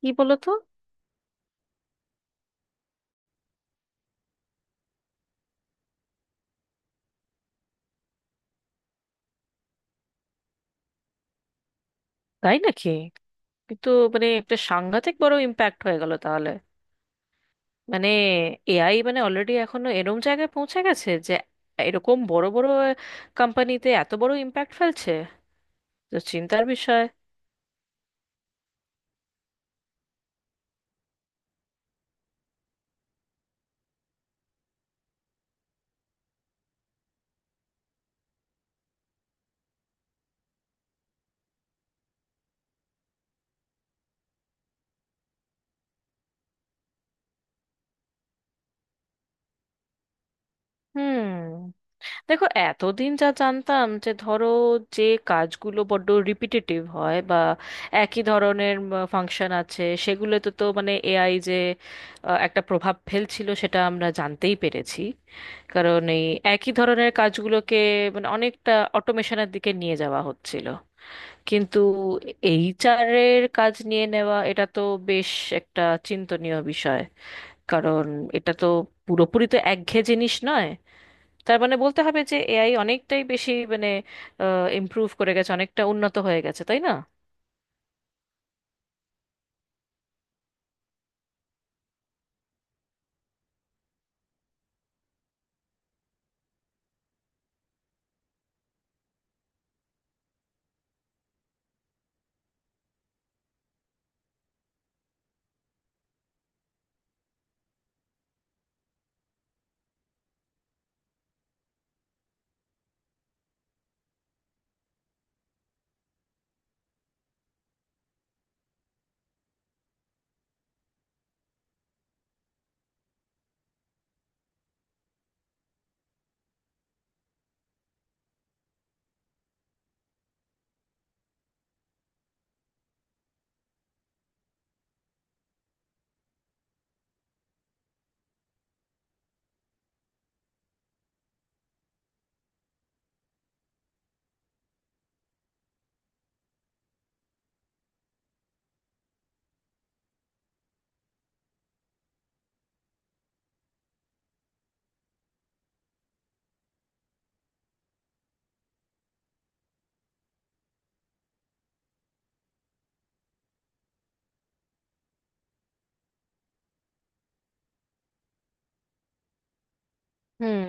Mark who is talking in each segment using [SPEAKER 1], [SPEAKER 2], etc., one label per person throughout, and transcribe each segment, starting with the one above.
[SPEAKER 1] কি বলো তো? তাই নাকি? কিন্তু একটা সাংঘাতিক বড় ইম্প্যাক্ট হয়ে গেল তাহলে। মানে এআই অলরেডি এখনো এরম জায়গায় পৌঁছে গেছে যে এরকম বড় বড় কোম্পানিতে এত বড় ইম্প্যাক্ট ফেলছে, তো চিন্তার বিষয়। হুম। দেখো, এতদিন যা জানতাম যে ধরো যে কাজগুলো বড্ড রিপিটেটিভ হয় বা একই ধরনের ফাংশন আছে সেগুলোতে তো এআই যে একটা প্রভাব ফেলছিল সেটা আমরা জানতেই পেরেছি। কারণ এই একই ধরনের কাজগুলোকে অনেকটা অটোমেশনের দিকে নিয়ে যাওয়া হচ্ছিল। কিন্তু এইচআর এর কাজ নিয়ে নেওয়া, এটা তো বেশ একটা চিন্তনীয় বিষয়। কারণ এটা তো পুরোপুরি তো একঘেয়ে জিনিস নয়। তার মানে বলতে হবে যে এআই অনেকটাই বেশি ইমপ্রুভ করে গেছে, অনেকটা উন্নত হয়ে গেছে, তাই না? হুম।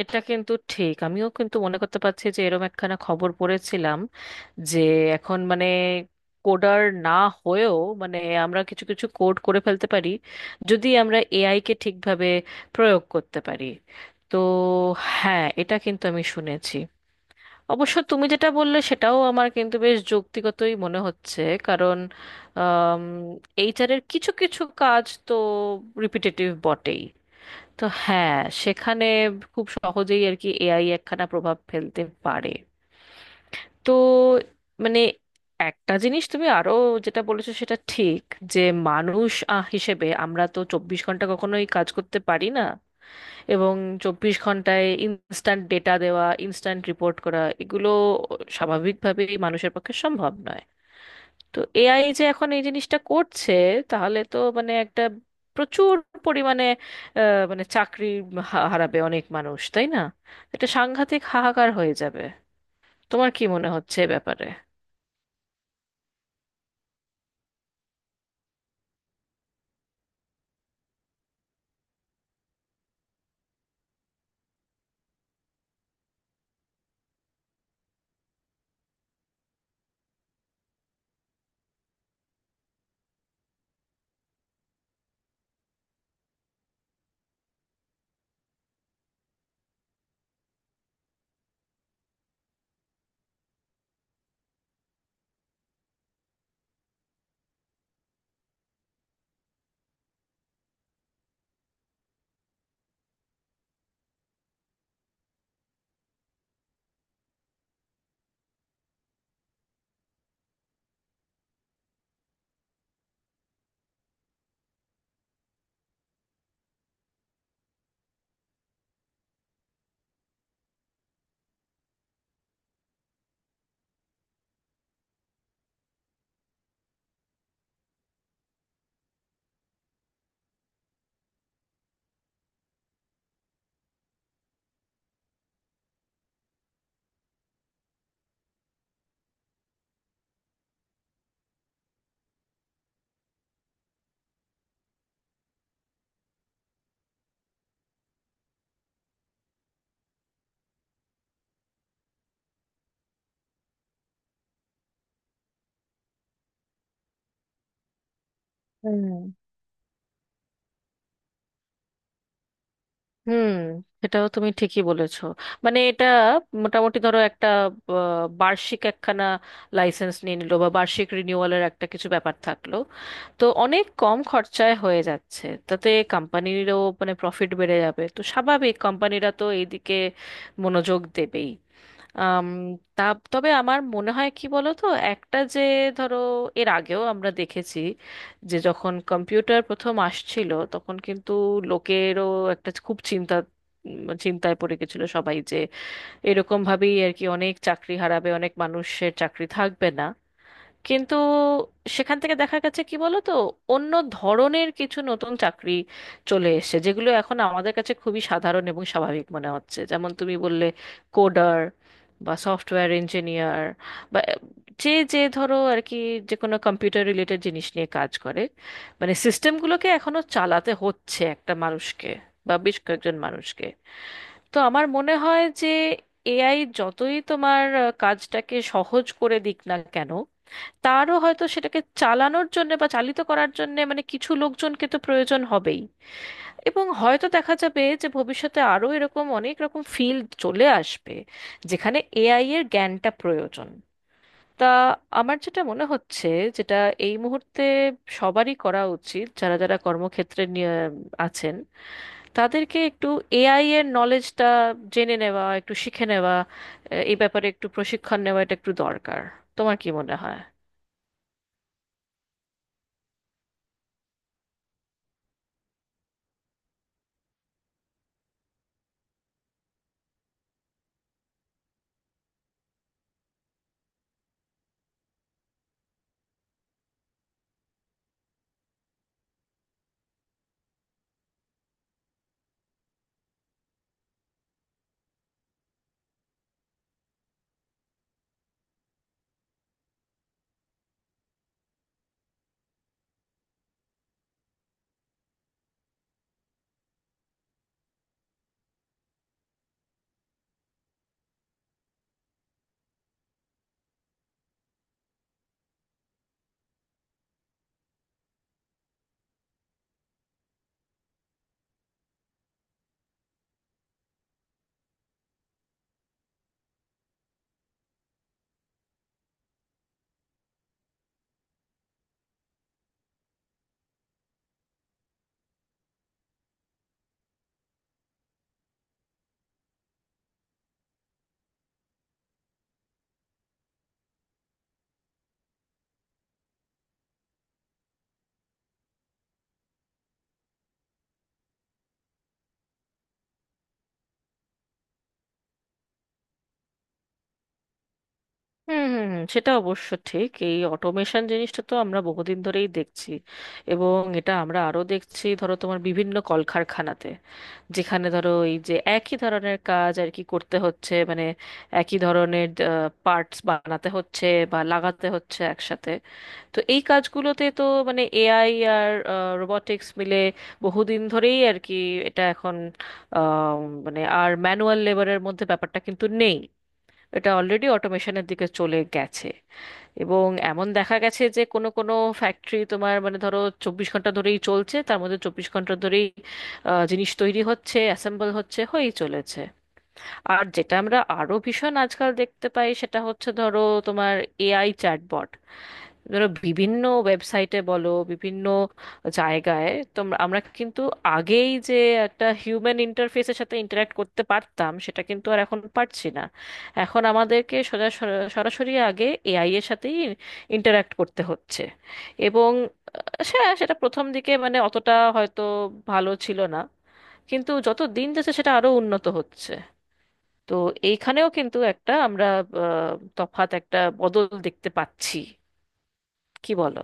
[SPEAKER 1] এটা কিন্তু ঠিক, আমিও কিন্তু মনে করতে পারছি যে এরম একখানা খবর পড়েছিলাম যে এখন কোডার না হয়েও মানে আমরা কিছু কিছু কোড করে ফেলতে পারি যদি আমরা এআই কে ঠিকভাবে প্রয়োগ করতে পারি। তো হ্যাঁ, এটা কিন্তু আমি শুনেছি। অবশ্য তুমি যেটা বললে সেটাও আমার কিন্তু বেশ যৌক্তিগতই মনে হচ্ছে। কারণ এইচআর এর কিছু কিছু কাজ তো রিপিটেটিভ বটেই। তো হ্যাঁ, সেখানে খুব সহজেই আর কি এআই একখানা প্রভাব ফেলতে পারে। তো মানে একটা জিনিস তুমি আরো যেটা বলেছো সেটা ঠিক, যে মানুষ হিসেবে আমরা তো 24 ঘন্টা কখনোই কাজ করতে পারি না। এবং 24 ঘন্টায় ইনস্ট্যান্ট ডেটা দেওয়া, ইনস্ট্যান্ট রিপোর্ট করা, এগুলো স্বাভাবিকভাবেই মানুষের পক্ষে সম্ভব নয়। তো এআই যে এখন এই জিনিসটা করছে, তাহলে তো একটা প্রচুর পরিমাণে আহ, মানে চাকরি হারাবে অনেক মানুষ, তাই না? এটা সাংঘাতিক হাহাকার হয়ে যাবে। তোমার কি মনে হচ্ছে এ ব্যাপারে? হুম। হুম। এটাও তুমি ঠিকই বলেছো। এটা মোটামুটি ধরো একটা বার্ষিক একখানা লাইসেন্স নিয়ে নিলো বা বার্ষিক রিনিউয়ালের একটা কিছু ব্যাপার থাকলো, তো অনেক কম খরচায় হয়ে যাচ্ছে, তাতে কোম্পানিরও প্রফিট বেড়ে যাবে, তো স্বাভাবিক কোম্পানিরা তো এইদিকে মনোযোগ দেবেই। আম, তা, তবে আমার মনে হয় কি বলো তো, একটা যে ধরো এর আগেও আমরা দেখেছি যে যখন কম্পিউটার প্রথম আসছিল তখন কিন্তু লোকেরও একটা খুব চিন্তায় পড়ে গেছিল সবাই, যে এরকম ভাবেই আর কি অনেক চাকরি হারাবে, অনেক মানুষের চাকরি থাকবে না। কিন্তু সেখান থেকে দেখা গেছে কি বলো তো, অন্য ধরনের কিছু নতুন চাকরি চলে এসেছে যেগুলো এখন আমাদের কাছে খুবই সাধারণ এবং স্বাভাবিক মনে হচ্ছে, যেমন তুমি বললে কোডার বা সফটওয়্যার ইঞ্জিনিয়ার বা যে যে ধরো আর কি যে কোনো কম্পিউটার রিলেটেড জিনিস নিয়ে কাজ করে। সিস্টেমগুলোকে এখনো চালাতে হচ্ছে একটা মানুষকে বা বেশ কয়েকজন মানুষকে। তো আমার মনে হয় যে এআই যতই তোমার কাজটাকে সহজ করে দিক না কেন, তারও হয়তো সেটাকে চালানোর জন্য বা চালিত করার জন্য কিছু লোকজনকে তো প্রয়োজন হবেই। এবং হয়তো দেখা যাবে যে ভবিষ্যতে আরো এরকম অনেক রকম ফিল্ড চলে আসবে যেখানে এআই এর জ্ঞানটা প্রয়োজন। তা আমার যেটা মনে হচ্ছে, যেটা এই মুহূর্তে সবারই করা উচিত, যারা যারা কর্মক্ষেত্রে নিয়ে আছেন, তাদেরকে একটু এআই এর নলেজটা জেনে নেওয়া, একটু শিখে নেওয়া, এই ব্যাপারে একটু প্রশিক্ষণ নেওয়া, এটা একটু দরকার। তোমার কি মনে হয়? হুম, হুম, হুম, সেটা অবশ্য ঠিক। এই অটোমেশন জিনিসটা তো আমরা বহুদিন ধরেই দেখছি। এবং এটা আমরা আরো দেখছি ধরো তোমার বিভিন্ন কলকারখানাতে, যেখানে ধরো এই যে একই ধরনের কাজ আর কি করতে হচ্ছে, একই ধরনের পার্টস বানাতে হচ্ছে বা লাগাতে হচ্ছে একসাথে। তো এই কাজগুলোতে তো এআই আর রোবটিক্স মিলে বহুদিন ধরেই আর কি এটা এখন আহ, মানে আর ম্যানুয়াল লেবারের মধ্যে ব্যাপারটা কিন্তু নেই, এটা অলরেডি অটোমেশনের দিকে চলে গেছে। এবং এমন দেখা গেছে যে কোনো কোনো ফ্যাক্টরি তোমার ধরো 24 ঘন্টা ধরেই চলছে, তার মধ্যে 24 ঘন্টা ধরেই জিনিস তৈরি হচ্ছে, অ্যাসেম্বল হচ্ছে, হয়েই চলেছে। আর যেটা আমরা আরো ভীষণ আজকাল দেখতে পাই সেটা হচ্ছে ধরো তোমার এআই চ্যাটবট। ধরো বিভিন্ন ওয়েবসাইটে বলো, বিভিন্ন জায়গায় তোমরা আমরা কিন্তু আগেই যে একটা হিউম্যান ইন্টারফেসের সাথে ইন্টারাক্ট করতে পারতাম, সেটা কিন্তু আর এখন পারছি না। এখন আমাদেরকে সোজা সরাসরি আগে এআই এর সাথেই ইন্টারাক্ট করতে হচ্ছে। এবং সে সেটা প্রথম দিকে অতটা হয়তো ভালো ছিল না, কিন্তু যত দিন যাচ্ছে সেটা আরো উন্নত হচ্ছে। তো এইখানেও কিন্তু একটা আমরা আহ, তফাৎ একটা বদল দেখতে পাচ্ছি, কি বলো?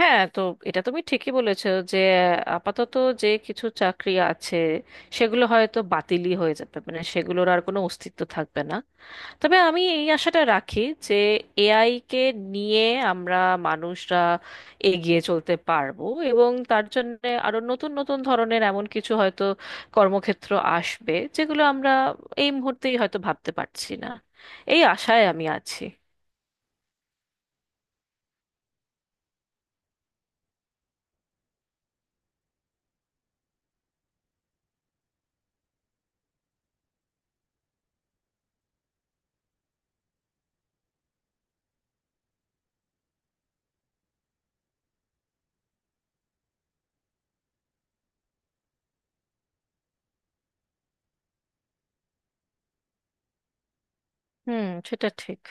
[SPEAKER 1] হ্যাঁ, তো এটা তুমি ঠিকই বলেছো যে আপাতত যে কিছু চাকরি আছে সেগুলো হয়তো বাতিলই হয়ে যাবে, সেগুলোর আর কোনো অস্তিত্ব থাকবে না। তবে আমি এই আশাটা রাখি যে এআই কে নিয়ে আমরা মানুষরা এগিয়ে চলতে পারবো, এবং তার জন্য আরো নতুন নতুন ধরনের এমন কিছু হয়তো কর্মক্ষেত্র আসবে যেগুলো আমরা এই মুহূর্তেই হয়তো ভাবতে পারছি না। এই আশায় আমি আছি। হুম, সেটা ঠিক।